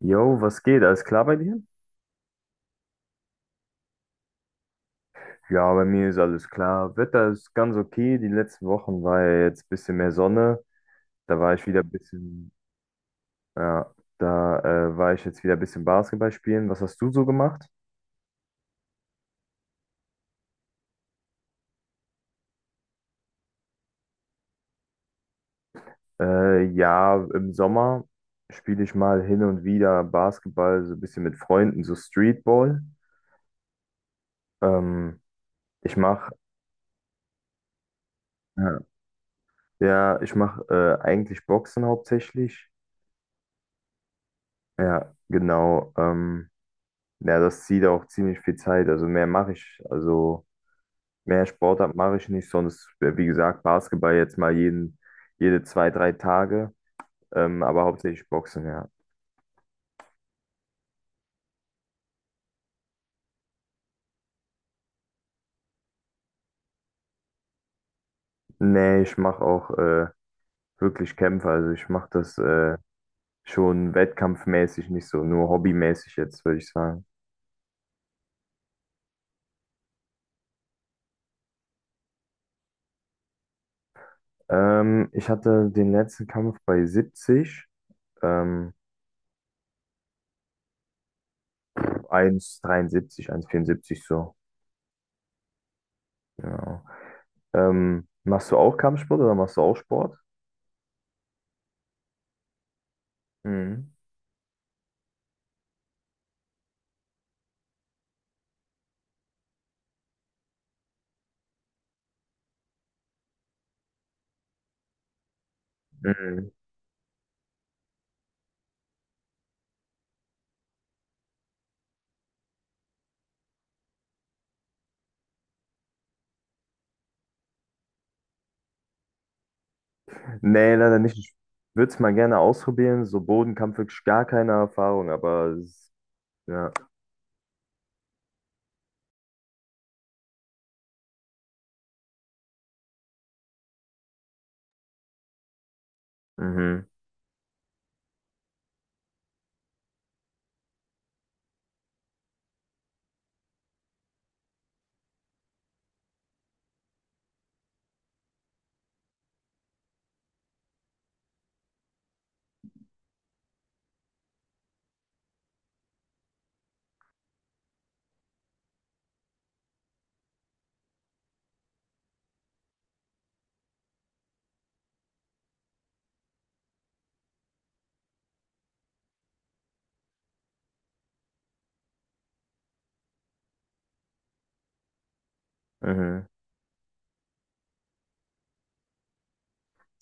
Jo, was geht? Alles klar bei dir? Ja, bei mir ist alles klar. Wetter ist ganz okay. Die letzten Wochen war ja jetzt ein bisschen mehr Sonne. Da war ich wieder ein bisschen, ja, da war ich jetzt wieder ein bisschen Basketball spielen. Was hast du so gemacht? Ja, im Sommer spiele ich mal hin und wieder Basketball, so ein bisschen mit Freunden, so Streetball. Ähm, ich mache, ja, ja, ich mache eigentlich Boxen hauptsächlich. Ja, genau. Ja, das zieht auch ziemlich viel Zeit. Also mehr mache ich, also mehr Sportart mache ich nicht, sonst, wie gesagt, Basketball jetzt mal jeden, jede zwei, drei Tage, aber hauptsächlich Boxen, ja. Nee, ich mache auch wirklich Kämpfe. Also ich mache das schon wettkampfmäßig, nicht so nur hobbymäßig jetzt, würde ich sagen. Ich hatte den letzten Kampf bei 70, ähm, 1,73, vierundsiebzig so. Genau. Machst du auch Kampfsport oder machst du auch Sport? Mhm. Mhm. Nee, leider nicht. Ich würde es mal gerne ausprobieren. So Bodenkampf wirklich gar keine Erfahrung, aber es, ja. Mhm. Mhm.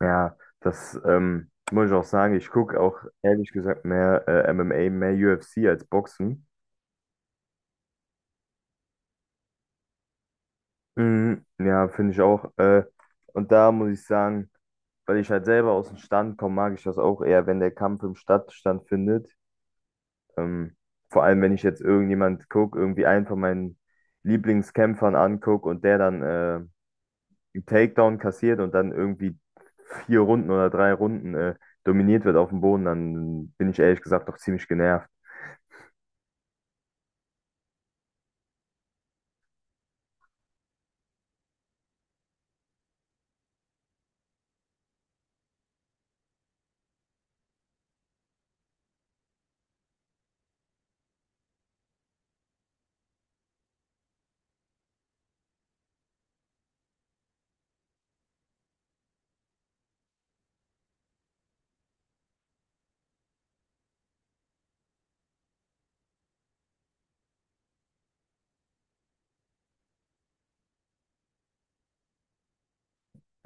Ja, das muss ich auch sagen. Ich gucke auch ehrlich gesagt mehr MMA, mehr UFC als Boxen. Mhm. Ja, finde ich auch. Und da muss ich sagen, weil ich halt selber aus dem Stand komme, mag ich das auch eher, wenn der Kampf im Stadtstand findet. Ähm, Vor allem, wenn ich jetzt irgendjemand gucke, irgendwie einen von meinen Lieblingskämpfern angucke und der dann einen Takedown kassiert und dann irgendwie vier Runden oder drei Runden dominiert wird auf dem Boden, dann bin ich ehrlich gesagt doch ziemlich genervt.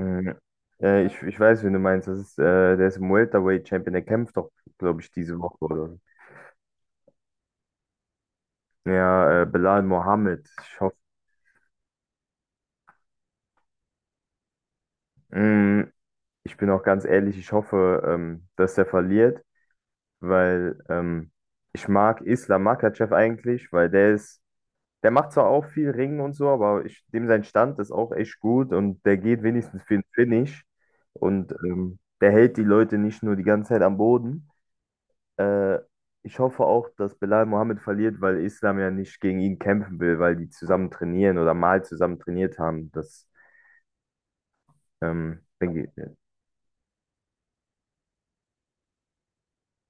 Mhm. Ich weiß, wen du meinst. Das ist, der ist im Welterweight Champion, der kämpft doch, glaube ich, diese Woche oder so. Ja, Belal Mohammed. Ich hoffe, mm, ich bin auch ganz ehrlich, ich hoffe, dass der verliert, weil ich mag Islam Makhachev eigentlich. Weil der ist Der macht zwar auch viel Ringen und so, aber ich, dem sein Stand ist auch echt gut und der geht wenigstens für den Finish und der hält die Leute nicht nur die ganze Zeit am Boden. Äh, Ich hoffe auch, dass Belal Mohammed verliert, weil Islam ja nicht gegen ihn kämpfen will, weil die zusammen trainieren oder mal zusammen trainiert haben. Das, denke ich-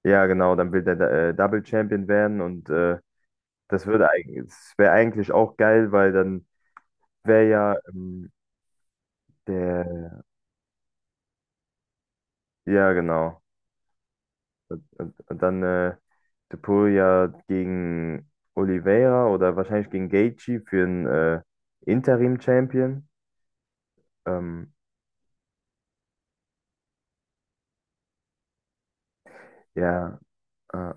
ja, genau, dann will der Double Champion werden und das würde eigentlich, das wäre eigentlich auch geil, weil dann wäre ja der, ja, genau. Und dann De Poel ja gegen Oliveira oder wahrscheinlich gegen Gaethje für einen Interim-Champion. Ähm, ja, äh,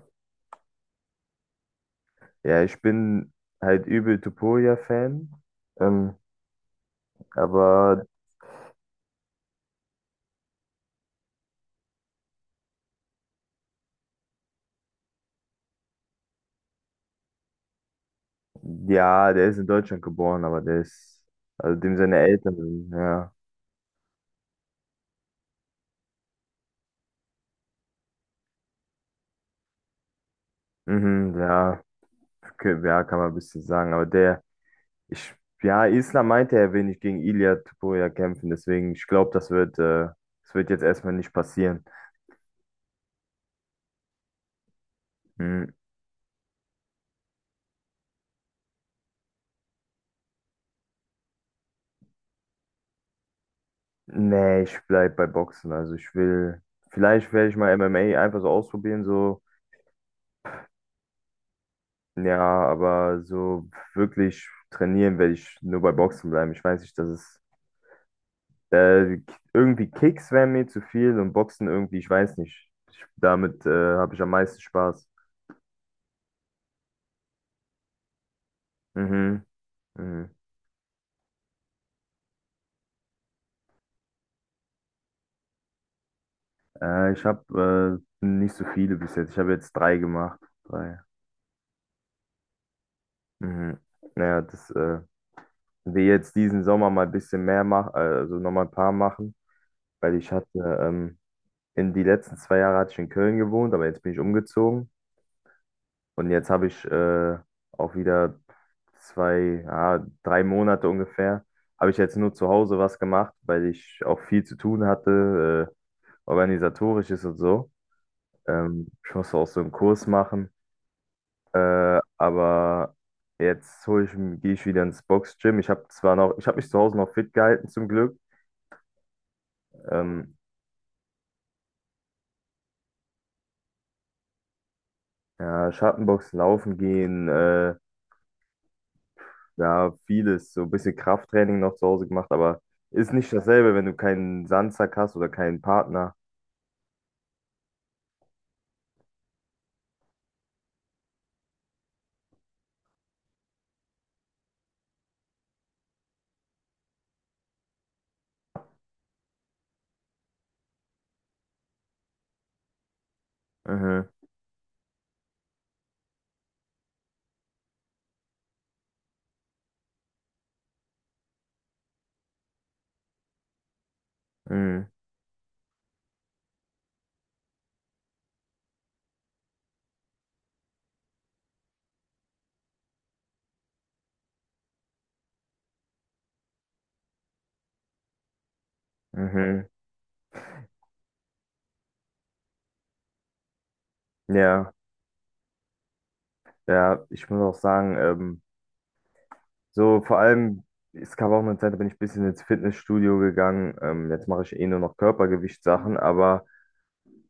ja, ich bin halt übel De Poel-Fan. Ähm, aber ja, der ist in Deutschland geboren, aber der ist, also dem seine Eltern, sind, ja. Mhm, ja, ja, kann man ein bisschen sagen, aber der. Ich, ja, Islam meinte, er will nicht gegen Ilia Topuria kämpfen, deswegen, ich glaube, das wird jetzt erstmal nicht passieren. Hm, nee, ich bleib bei Boxen. Also ich will, vielleicht werde ich mal MMA einfach so ausprobieren, so, ja, aber so wirklich trainieren werde ich nur bei Boxen bleiben. Ich weiß nicht, das ist, äh, irgendwie Kicks wären mir zu viel und Boxen irgendwie, ich weiß nicht. Ich, damit, habe ich am meisten Spaß. Mhm. Mhm. Ich habe nicht so viele bis jetzt. Ich habe jetzt drei gemacht. Drei. Mhm. Naja, das will jetzt diesen Sommer mal ein bisschen mehr machen, also nochmal ein paar machen, weil ich hatte ähm, in die letzten 2 Jahre hatte ich in Köln gewohnt, aber jetzt bin ich umgezogen und jetzt habe ich auch wieder zwei, ja, 3 Monate ungefähr, habe ich jetzt nur zu Hause was gemacht, weil ich auch viel zu tun hatte, organisatorisches und so. Ich musste auch so einen Kurs machen. Aber jetzt hol ich, gehe ich wieder ins Boxgym. Ich habe zwar noch, ich habe mich zu Hause noch fit gehalten zum Glück. Ähm, ja, Schattenboxen, Laufen gehen, ja, vieles, so ein bisschen Krafttraining noch zu Hause gemacht, aber ist nicht dasselbe, wenn du keinen Sandsack hast oder keinen Partner. Mhm, mhm, mhm. Ja, ja, ich muss auch sagen, so vor allem, es gab auch eine Zeit, da bin ich ein bisschen ins Fitnessstudio gegangen. Jetzt mache ich eh nur noch Körpergewichtssachen, aber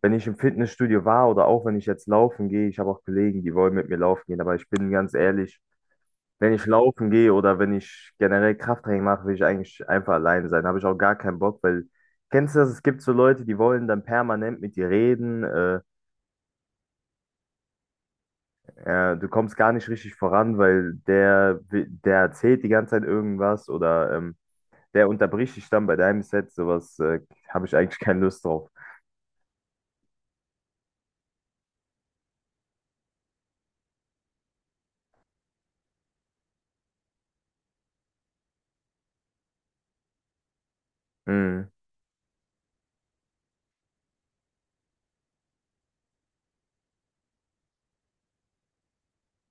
wenn ich im Fitnessstudio war oder auch wenn ich jetzt laufen gehe, ich habe auch Kollegen, die wollen mit mir laufen gehen, aber ich bin ganz ehrlich, wenn ich laufen gehe oder wenn ich generell Krafttraining mache, will ich eigentlich einfach allein sein. Habe ich auch gar keinen Bock, weil kennst du das? Es gibt so Leute, die wollen dann permanent mit dir reden. Du kommst gar nicht richtig voran, weil der, der erzählt die ganze Zeit irgendwas oder der unterbricht dich dann bei deinem Set. Sowas habe ich eigentlich keine Lust drauf. Mhm,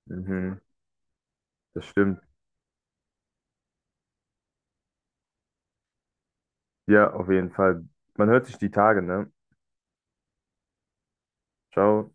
mhm, das stimmt. Ja, auf jeden Fall. Man hört sich die Tage, ne? Ciao.